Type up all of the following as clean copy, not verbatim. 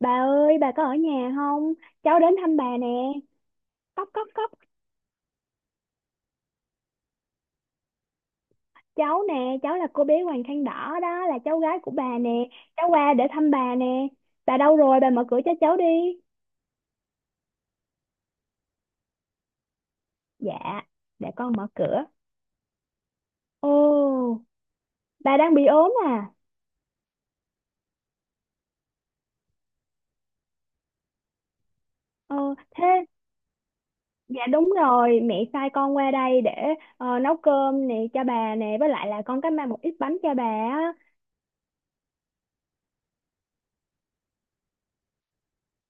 Bà ơi, bà có ở nhà không? Cháu đến thăm bà nè. Cốc cốc cốc, cháu nè, cháu là cô bé Hoàng khăn đỏ đó, là cháu gái của bà nè. Cháu qua để thăm bà nè. Bà đâu rồi? Bà mở cửa cho cháu đi. Dạ, để con mở cửa. Ồ, bà đang bị ốm à? Ờ, thế, dạ đúng rồi, mẹ sai con qua đây để nấu cơm nè cho bà nè, với lại là con có mang một ít bánh cho bà á.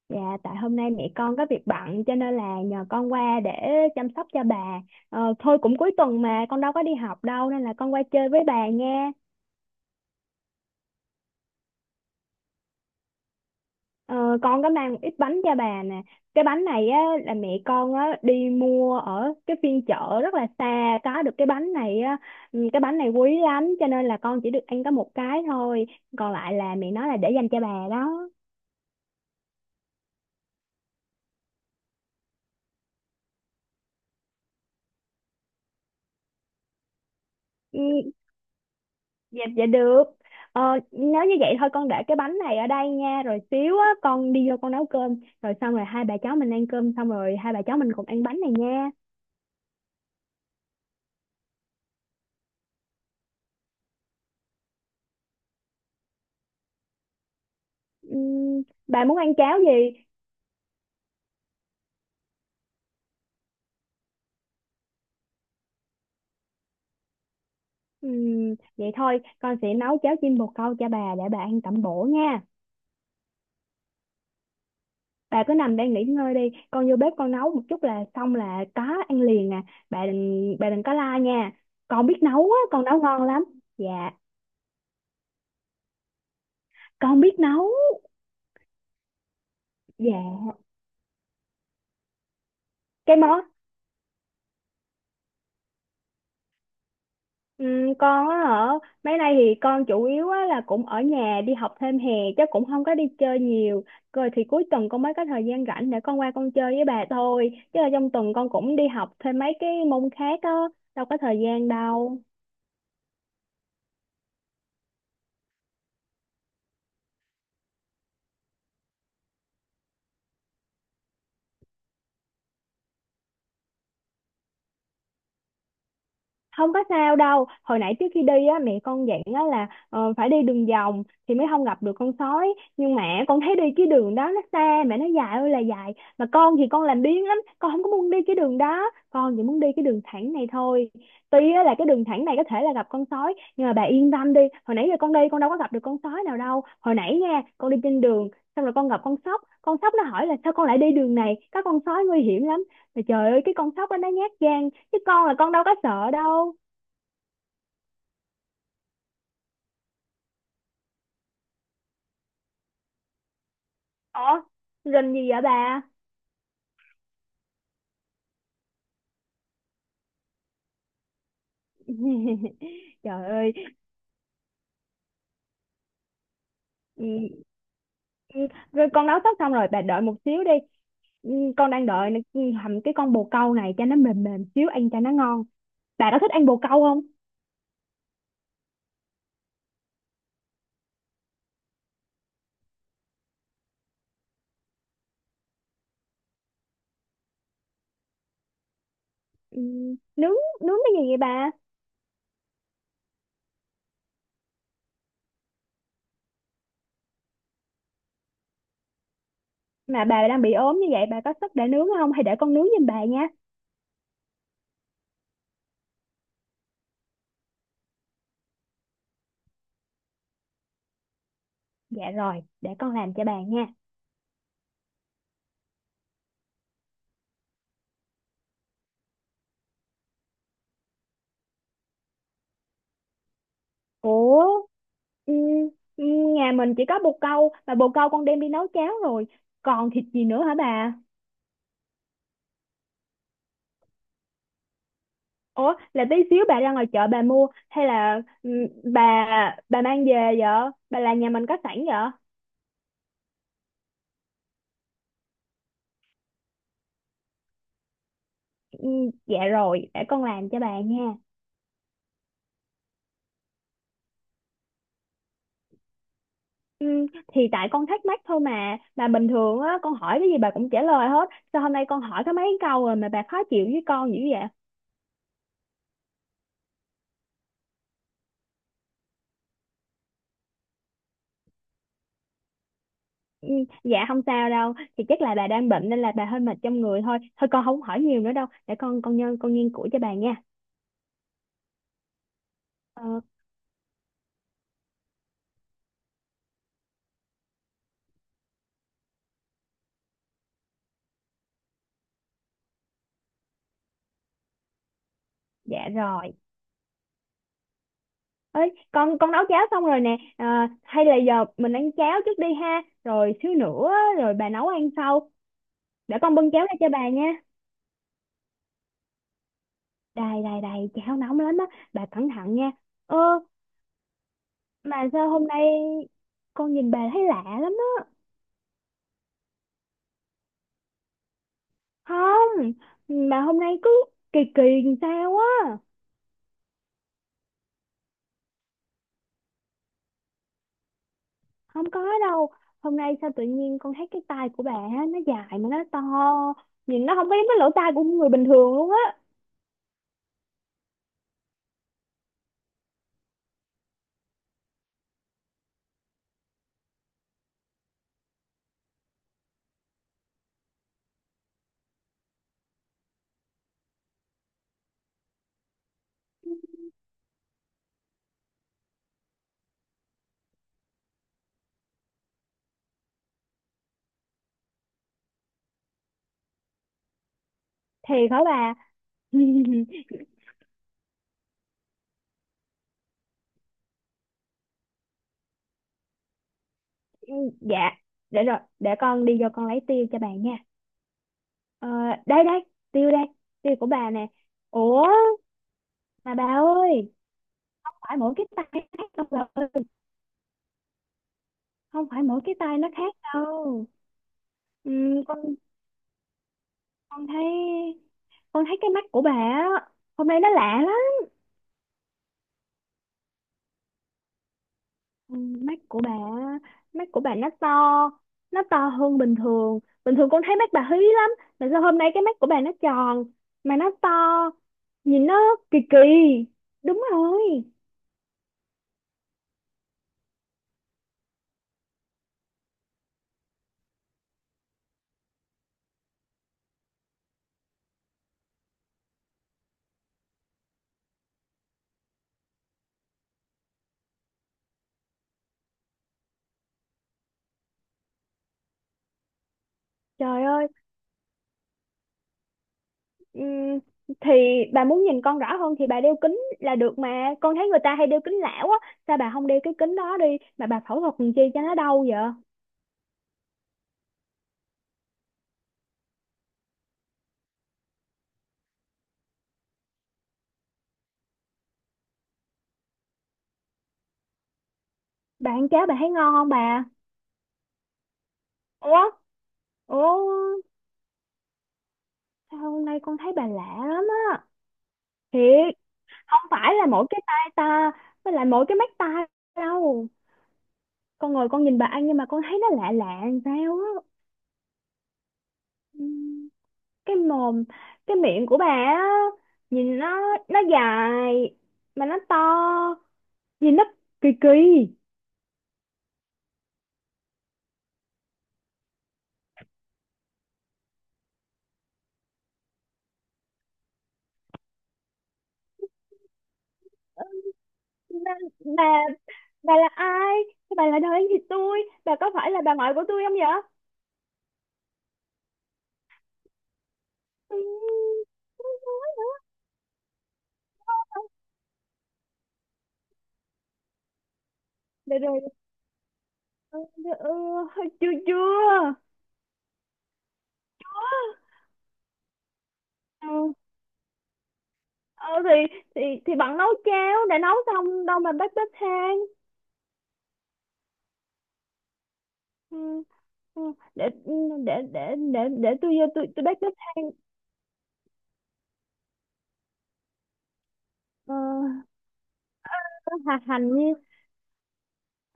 Dạ, tại hôm nay mẹ con có việc bận cho nên là nhờ con qua để chăm sóc cho bà. Ờ, thôi cũng cuối tuần mà con đâu có đi học đâu nên là con qua chơi với bà nha. Ờ, con có mang một ít bánh cho bà nè. Cái bánh này á, là mẹ con á, đi mua ở cái phiên chợ rất là xa có được cái bánh này á. Ừ, cái bánh này quý lắm cho nên là con chỉ được ăn có một cái thôi. Còn lại là mẹ nói là để dành cho bà đó. Ừ, dạ, dạ được. Ờ, nếu như vậy thôi con để cái bánh này ở đây nha. Rồi xíu á, con đi vô con nấu cơm. Rồi xong rồi hai bà cháu mình ăn cơm xong rồi hai bà cháu mình cùng ăn bánh này nha. Bà muốn ăn cháo gì? Vậy thôi, con sẽ nấu cháo chim bồ câu cho bà để bà ăn tẩm bổ nha. Bà cứ nằm đây nghỉ ngơi đi. Con vô bếp con nấu một chút là xong là có ăn liền à. Bà đừng có la nha. Con biết nấu á, con nấu ngon lắm. Dạ, con biết nấu. Dạ. Cái món Ừ, con á hả? Mấy nay thì con chủ yếu á là cũng ở nhà đi học thêm hè, chứ cũng không có đi chơi nhiều. Rồi thì cuối tuần con mới có thời gian rảnh để con qua con chơi với bà thôi, chứ là trong tuần con cũng đi học thêm mấy cái môn khác á, đâu có thời gian đâu. Không có sao đâu, hồi nãy trước khi đi á mẹ con dặn á là phải đi đường vòng thì mới không gặp được con sói, nhưng mà con thấy đi cái đường đó nó xa mẹ, nó dài ơi là dài, mà con thì con làm biếng lắm, con không có muốn đi cái đường đó, con chỉ muốn đi cái đường thẳng này thôi. Tuy á là cái đường thẳng này có thể là gặp con sói, nhưng mà bà yên tâm đi, hồi nãy giờ con đi con đâu có gặp được con sói nào đâu. Hồi nãy nha, con đi trên đường xong rồi con gặp con sóc, con sóc nó hỏi là sao con lại đi đường này, có con sói nguy hiểm lắm. Mà trời ơi, cái con sóc đó nó nhát gan chứ con là con đâu có sợ đâu. Ủa, rình gì vậy bà? Trời ơi. Ừ, ừ, rồi con nấu sắp xong rồi, bà đợi một xíu đi. Ừ, con đang đợi hầm cái con bồ câu này cho nó mềm mềm xíu ăn cho nó ngon. Bà có thích ăn bồ câu không? Ừ, nướng nướng cái gì vậy bà? Mà bà đang bị ốm như vậy bà có sức để nướng không hay để con nướng giùm bà nha? Dạ rồi, để con làm cho bà nha. Ủa, ừ, ừ, nhà mình chỉ có bồ câu mà bồ câu con đem đi nấu cháo rồi, còn thịt gì nữa hả bà? Ủa là tí xíu bà ra ngoài chợ bà mua hay là bà mang về vợ? Bà làm nhà mình có sẵn vợ? Dạ rồi, để con làm cho bà nha. Ừ, thì tại con thắc mắc thôi mà bình thường á con hỏi cái gì bà cũng trả lời hết, sao hôm nay con hỏi có mấy câu rồi mà bà khó chịu với con dữ vậy? Ừ, dạ không sao đâu. Thì chắc là bà đang bệnh nên là bà hơi mệt trong người thôi. Thôi con không hỏi nhiều nữa đâu, để con nghiên cứu cho bà nha. ờ, dạ rồi. Ơi, con nấu cháo xong rồi nè, à hay là giờ mình ăn cháo trước đi ha, rồi xíu nữa á, rồi bà nấu ăn sau. Để con bưng cháo ra cho bà nha. Đầy đầy đầy, cháo nóng lắm á, bà cẩn thận nha. Ơ. Mà sao hôm nay con nhìn bà thấy lạ lắm á. Không, mà hôm nay cứ kỳ kỳ làm sao á. Không có đâu. Hôm nay sao tự nhiên con thấy cái tay của bà á, nó dài mà nó to, nhìn nó không có giống cái lỗ tai của người bình thường luôn á. Thiệt hả bà? Ừ, dạ. Để rồi, để con đi vô con lấy tiêu cho bà nha. ờ, Đây đây, tiêu đây, tiêu của bà nè. Ủa, mà bà ơi, không phải mỗi cái tay nó khác đâu bà. Không phải mỗi cái tay nó khác đâu. Ừ, con con thấy con thấy cái mắt của bà á, hôm nay nó lạ lắm. Ừ, mắt của bà á, mắt của bà nó to, nó to hơn bình thường. Bình thường con thấy mắt bà hí lắm, mà sao hôm nay cái mắt của bà nó tròn mà nó to, nhìn nó kỳ kỳ. Đúng rồi. Trời ơi. Ừm, thì bà muốn nhìn con rõ hơn thì bà đeo kính là được mà, con thấy người ta hay đeo kính lão á, sao bà không đeo cái kính đó đi, mà bà phẫu thuật làm chi cho nó đau vậy? Bà ăn cháo bà thấy ngon không bà? Ủa, ủa, sao hôm nay con thấy bà lạ lắm á. Thiệt. Không phải là mỗi cái tai ta, với lại mỗi cái mắt ta đâu. Con ngồi con nhìn bà ăn nhưng mà con thấy nó lạ lạ làm sao á. Ừm, cái mồm cái miệng của bà á, nhìn nó dài mà nó to, nhìn nấp kỳ kỳ. Ừ, bà bà bà là ai? Sao bà là đời thì tôi? Bà có phải là bà ngoại của tôi không vậy? Ừ, không nói nữa. Rồi rồi. Ừ, ừ, chưa chưa. ừ, ờ, thì thì thì bạn nấu cháo đã nấu xong đâu mà bếp bếp than? Ừ, ừ, để ừ, để để để tôi vô tôi bếp bếp than. Ờ, ờ, hà hành như.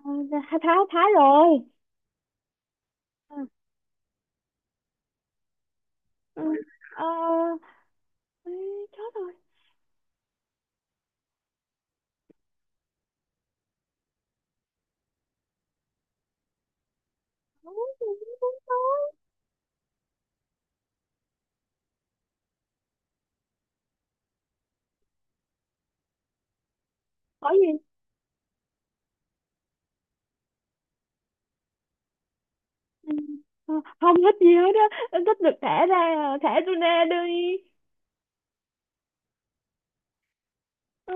Ờ, thái thái thái rồi. Ừ, ừ, ờ, ê, chết rồi. Đúng, đúng, đúng, đúng. Có gì? Ừ. Ờ, Không thích gì hết á. Em thích được thả ra à, thả tôi ra đi. Ừ.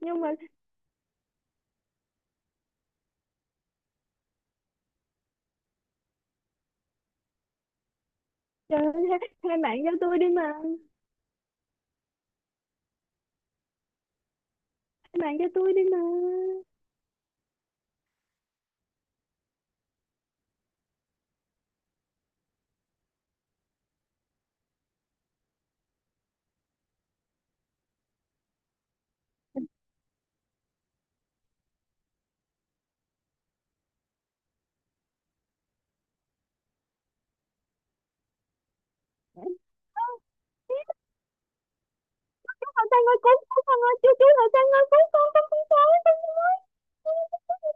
Nhưng mà trời ơi, hai hai bạn cho tôi đi mà, hai bạn cho tôi đi mà. Ơ, ý, Hoàng Sang ơi, cứu cứu, Hoàng ơi, chú Hoàng Sang ơi, cứu con, con con không sao.